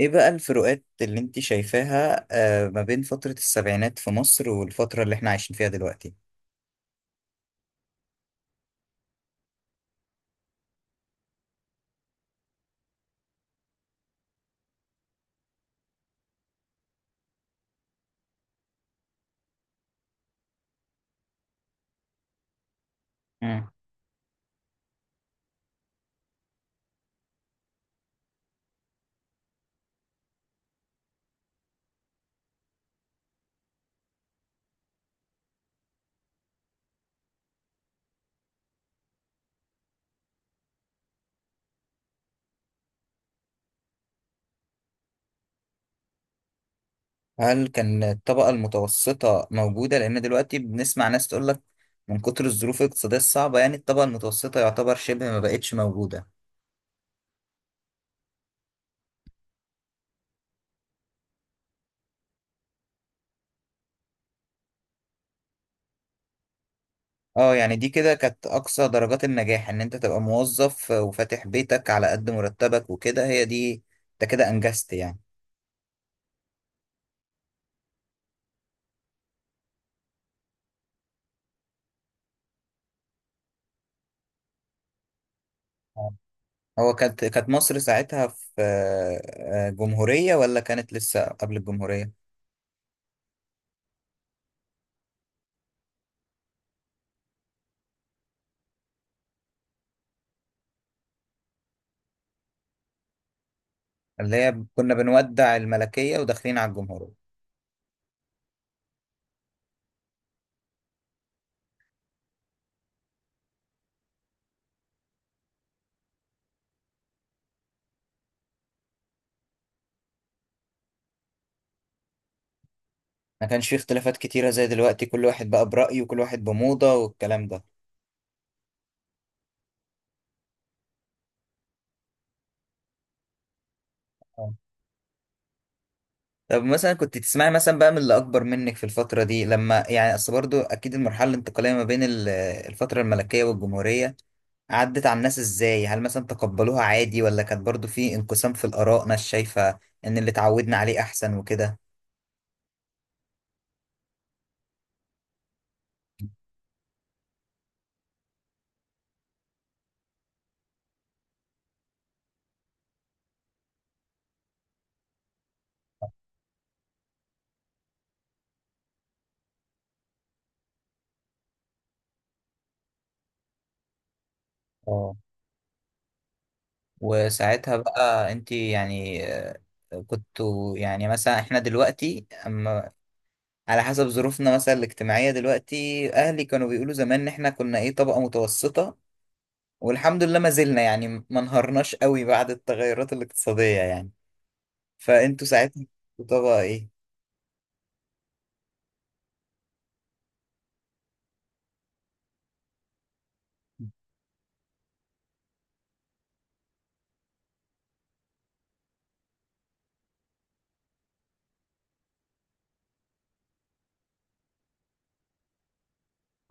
ايه بقى الفروقات اللي انت شايفاها ما بين فترة السبعينات في مصر والفترة اللي احنا عايشين فيها دلوقتي. مم. هل كان الطبقة المتوسطة موجودة لان دلوقتي بنسمع ناس تقول لك من كتر الظروف الاقتصادية الصعبة، يعني الطبقة المتوسطة يعتبر شبه ما بقتش موجودة. اه يعني دي كده كانت اقصى درجات النجاح ان انت تبقى موظف وفاتح بيتك على قد مرتبك وكده، هي دي انت كده انجزت يعني. آه. هو كانت مصر ساعتها في جمهورية ولا كانت لسه قبل الجمهورية؟ اللي هي كنا بنودع الملكية وداخلين على الجمهورية. ما كانش فيه اختلافات كتيرة زي دلوقتي، كل واحد بقى برأيه وكل واحد بموضة والكلام ده. آه. طب مثلا كنت تسمعي مثلا بقى من اللي أكبر منك في الفترة دي، لما يعني أصل برضو أكيد المرحلة الانتقالية ما بين الفترة الملكية والجمهورية عدت على الناس إزاي؟ هل مثلا تقبلوها عادي ولا كانت برضو في انقسام في الآراء، ناس شايفة إن اللي اتعودنا عليه أحسن وكده؟ آه. وساعتها بقى انت يعني كنتوا يعني مثلا، احنا دلوقتي على حسب ظروفنا مثلا الاجتماعية، دلوقتي أهلي كانوا بيقولوا زمان إن إحنا كنا إيه، طبقة متوسطة، والحمد لله ما زلنا يعني ما انهارناش قوي بعد التغيرات الاقتصادية يعني. فأنتوا ساعتها كنتوا طبقة إيه؟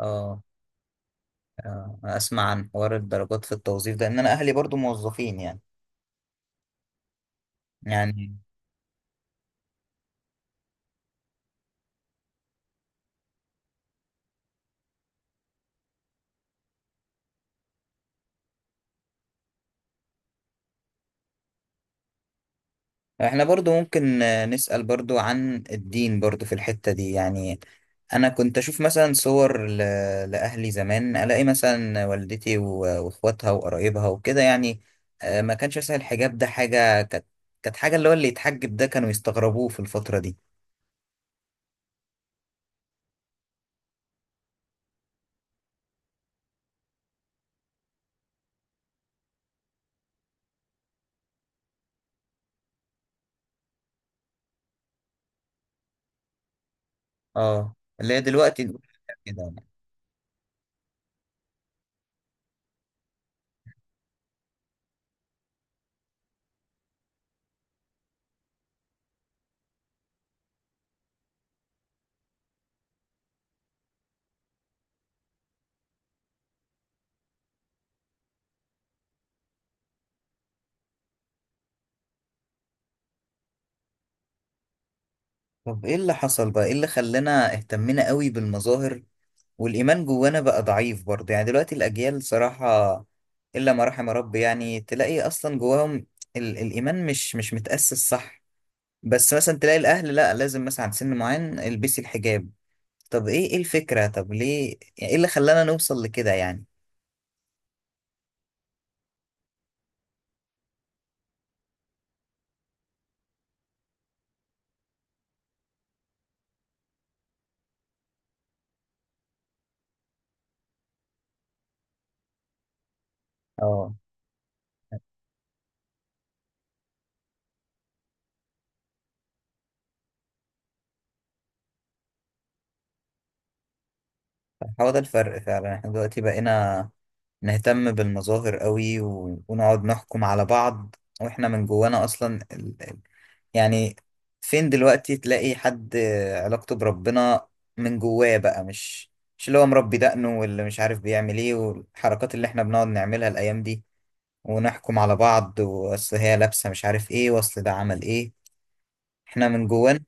آه، أسمع عن حوار الدرجات في التوظيف ده، إن أنا أهلي برضو موظفين يعني، يعني احنا برضو ممكن نسأل برضو عن الدين برضو في الحتة دي يعني. انا كنت اشوف مثلا صور لاهلي زمان، الاقي مثلا والدتي واخواتها وقرايبها وكده يعني، ما كانش مثلا الحجاب ده حاجة كانت، كانت حاجة اللي هو اللي يتحجب ده كانوا يستغربوه في الفترة دي. اه اللي هي دلوقتي نقول كده يعني. طب ايه اللي حصل بقى، ايه اللي خلانا اهتمينا قوي بالمظاهر والإيمان جوانا بقى ضعيف برضه؟ يعني دلوقتي الأجيال صراحة، إلا ما رحم ربي، يعني تلاقي أصلا جواهم الإيمان مش متأسس، صح؟ بس مثلا تلاقي الأهل لا، لازم مثلا عند سن معين البسي الحجاب. طب إيه، الفكرة؟ طب ليه يعني، إيه اللي خلانا نوصل لكده يعني؟ اه، هو ده الفرق فعلا. احنا دلوقتي بقينا نهتم بالمظاهر قوي ونقعد نحكم على بعض واحنا من جوانا أصلا، يعني فين دلوقتي تلاقي حد علاقته بربنا من جواه بقى، مش اللي هو مربي دقنه واللي مش عارف بيعمل ايه والحركات اللي احنا بنقعد نعملها الايام دي ونحكم على بعض، واصل هي لابسه مش عارف ايه، واصل ده عمل ايه، احنا من جوانا.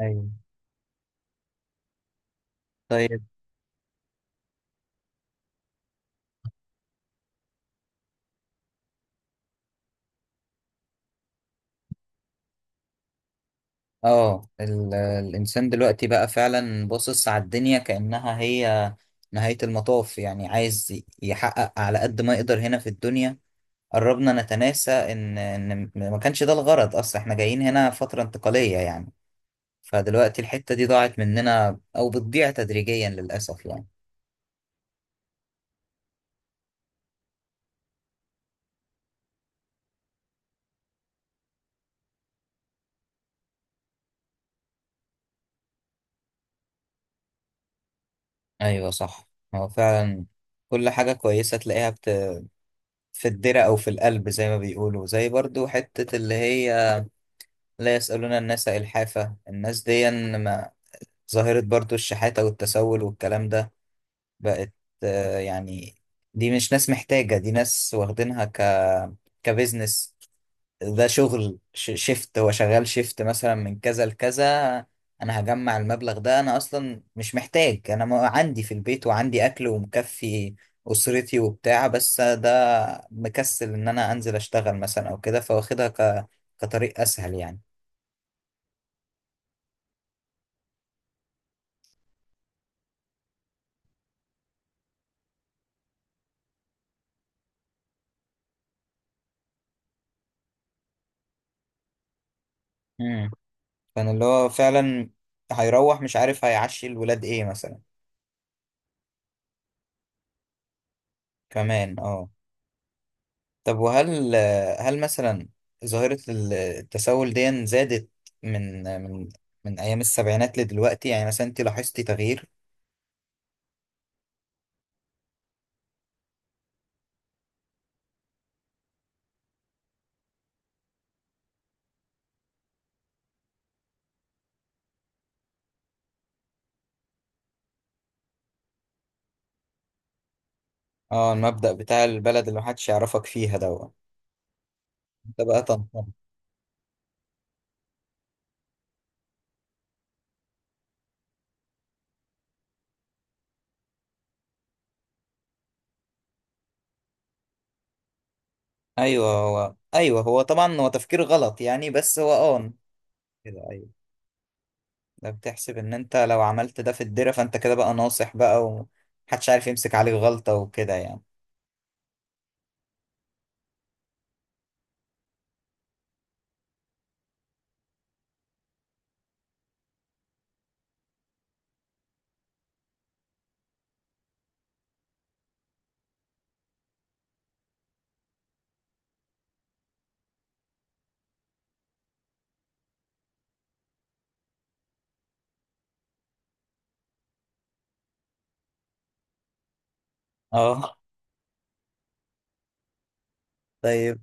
ايوه. طيب. اه الانسان دلوقتي بقى فعلا باصص على الدنيا كأنها هي نهاية المطاف، يعني عايز يحقق على قد ما يقدر هنا في الدنيا، قربنا نتناسى ان ما كانش ده الغرض اصلا، احنا جايين هنا فترة انتقالية يعني. فدلوقتي الحتة دي ضاعت مننا او بتضيع تدريجيا للاسف يعني. ايوه، صح. هو فعلا كل حاجة كويسة تلاقيها في الدرة او في القلب، زي ما بيقولوا، زي برضو حتة اللي هي لا يسألون الناس إلحافة. الناس دي، ما، ظاهرة برضو الشحاتة والتسول والكلام ده بقت يعني دي مش ناس محتاجة، دي ناس واخدينها كبزنس. ده شغل شيفت، هو شغال شيفت مثلا من كذا لكذا، انا هجمع المبلغ ده، انا اصلا مش محتاج، انا ما عندي في البيت وعندي اكل ومكفي اسرتي وبتاع، بس ده مكسل ان انا انزل اشتغل مثلا او كده، فواخدها كطريق اسهل يعني. امم. كان اللي هو فعلا هيروح مش عارف هيعشي الولاد ايه مثلا. كمان اه. طب وهل، هل مثلا ظاهرة التسول دي زادت من من أيام السبعينات لدلوقتي، يعني مثلا أنت لاحظتي تغيير؟ اه، المبدأ بتاع البلد اللي محدش يعرفك فيها دوت أنت بقى تنطلق. أيوه، هو طبعا هو تفكير غلط يعني، بس هو اه كده، أيوه. ده بتحسب إن أنت لو عملت ده في الدرة فأنت كده بقى ناصح بقى، ومحدش عارف يمسك عليك غلطة وكده يعني. اه. طيب.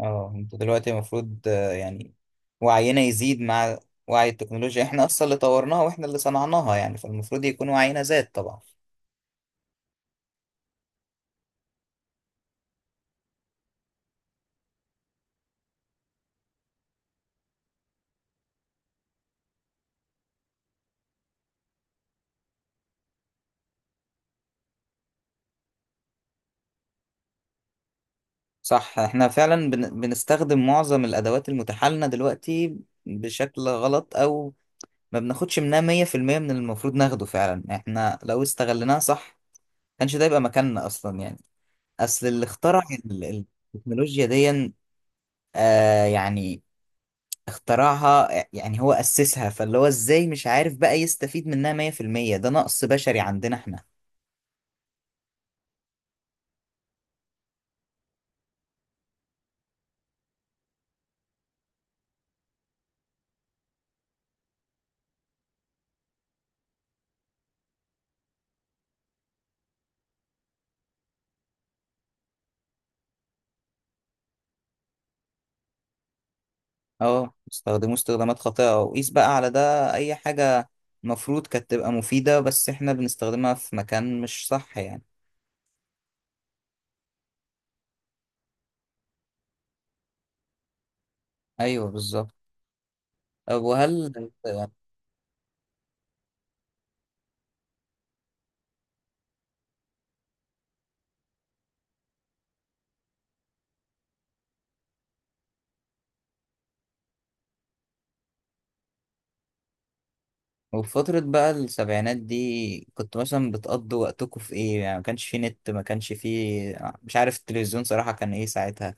اه انت دلوقتي المفروض يعني وعينا يزيد مع وعي التكنولوجيا، احنا اصلا اللي طورناها واحنا اللي صنعناها يعني، فالمفروض يكون وعينا زاد طبعا. صح، احنا فعلا بنستخدم معظم الادوات المتاحة لنا دلوقتي بشكل غلط، او ما بناخدش منها 100% من اللي المفروض ناخده، فعلا احنا لو استغلناها صح كانش ده يبقى مكاننا اصلا يعني. اصل اللي اخترع التكنولوجيا دي يعني اخترعها يعني، هو أسسها، فاللي هو ازاي مش عارف بقى يستفيد منها 100%؟ ده نقص بشري عندنا احنا. اه استخدموا استخدامات خاطئة، وقيس بقى على ده أي حاجة، المفروض كانت تبقى مفيدة بس احنا بنستخدمها في مكان مش صح يعني. أيوه بالظبط. طب وهل، وفي فترة بقى السبعينات دي كنت مثلا بتقضوا وقتكم في ايه يعني؟ ما كانش في نت، ما كانش في، مش عارف، التلفزيون صراحة كان ايه ساعتها؟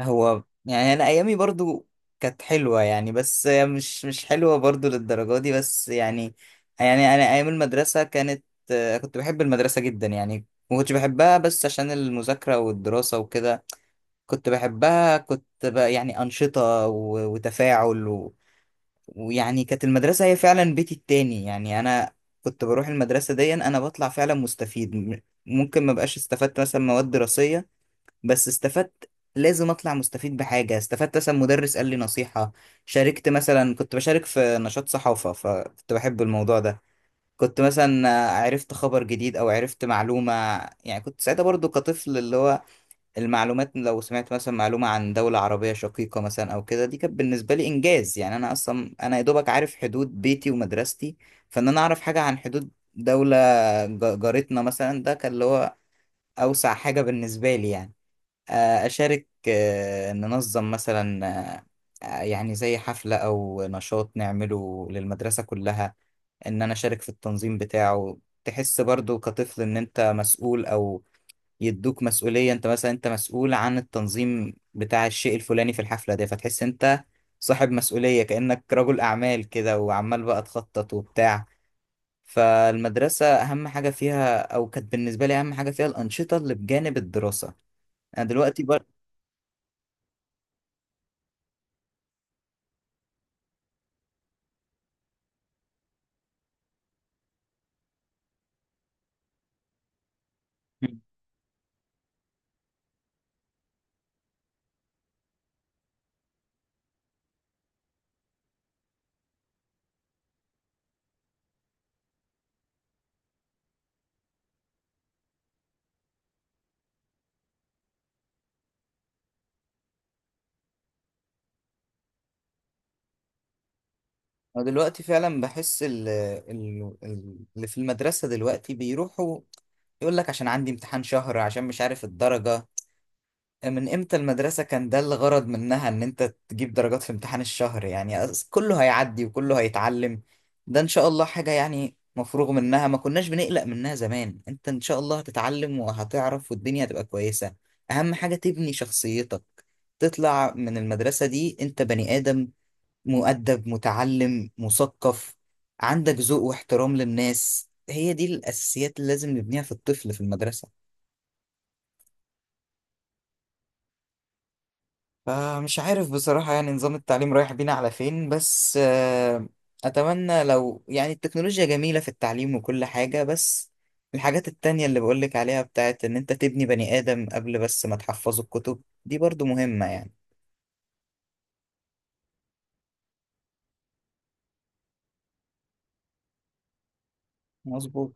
هو يعني انا ايامي برضو كانت حلوه يعني، بس مش حلوه برضو للدرجه دي، بس يعني، يعني انا ايام المدرسه كانت كنت بحب المدرسه جدا يعني، ما كنتش بحبها بس عشان المذاكره والدراسه وكده، كنت بحبها كنت بقى يعني انشطه وتفاعل ويعني كانت المدرسه هي فعلا بيتي التاني يعني. انا كنت بروح المدرسه دي انا بطلع فعلا مستفيد ممكن ما بقاش استفدت مثلا مواد دراسيه، بس استفدت، لازم اطلع مستفيد بحاجه، استفدت مثلا مدرس قال لي نصيحه، شاركت مثلا، كنت بشارك في نشاط صحافه فكنت بحب الموضوع ده، كنت مثلا عرفت خبر جديد او عرفت معلومه، يعني كنت ساعتها برضو كطفل، اللي هو المعلومات لو سمعت مثلا معلومه عن دوله عربيه شقيقه مثلا او كده دي كانت بالنسبه لي انجاز يعني. انا اصلا انا يا دوبك عارف حدود بيتي ومدرستي، فان انا اعرف حاجه عن حدود دولة جارتنا مثلا، ده كان اللي هو أوسع حاجة بالنسبة لي يعني. أشارك، ننظم مثلا، آه، يعني زي حفلة أو نشاط نعمله للمدرسة كلها، إن أنا أشارك في التنظيم بتاعه، تحس برضو كطفل إن أنت مسؤول، أو يدوك مسؤولية، أنت مثلا أنت مسؤول عن التنظيم بتاع الشيء الفلاني في الحفلة دي، فتحس أنت صاحب مسؤولية، كأنك رجل أعمال كده وعمال بقى تخطط وبتاع. فالمدرسة أهم حاجة فيها، أو كانت بالنسبة لي أهم حاجة فيها، الأنشطة اللي بجانب الدراسة. أنا دلوقتي بقى، أنا دلوقتي فعلا بحس اللي في المدرسة دلوقتي بيروحوا يقول لك عشان عندي امتحان شهر، عشان مش عارف الدرجة، من امتى المدرسة كان ده الغرض منها ان انت تجيب درجات في امتحان الشهر يعني؟ كله هيعدي وكله هيتعلم، ده ان شاء الله حاجة يعني مفروغ منها، ما كناش بنقلق منها زمان، انت ان شاء الله هتتعلم وهتعرف والدنيا هتبقى كويسة. اهم حاجة تبني شخصيتك، تطلع من المدرسة دي انت بني آدم مؤدب متعلم مثقف، عندك ذوق واحترام للناس، هي دي الأساسيات اللي لازم نبنيها في الطفل في المدرسة. فمش عارف بصراحة يعني نظام التعليم رايح بينا على فين، بس أتمنى لو يعني التكنولوجيا جميلة في التعليم وكل حاجة، بس الحاجات التانية اللي بقولك عليها بتاعت إن أنت تبني بني آدم قبل بس ما تحفظه الكتب دي برضو مهمة يعني. مظبوط.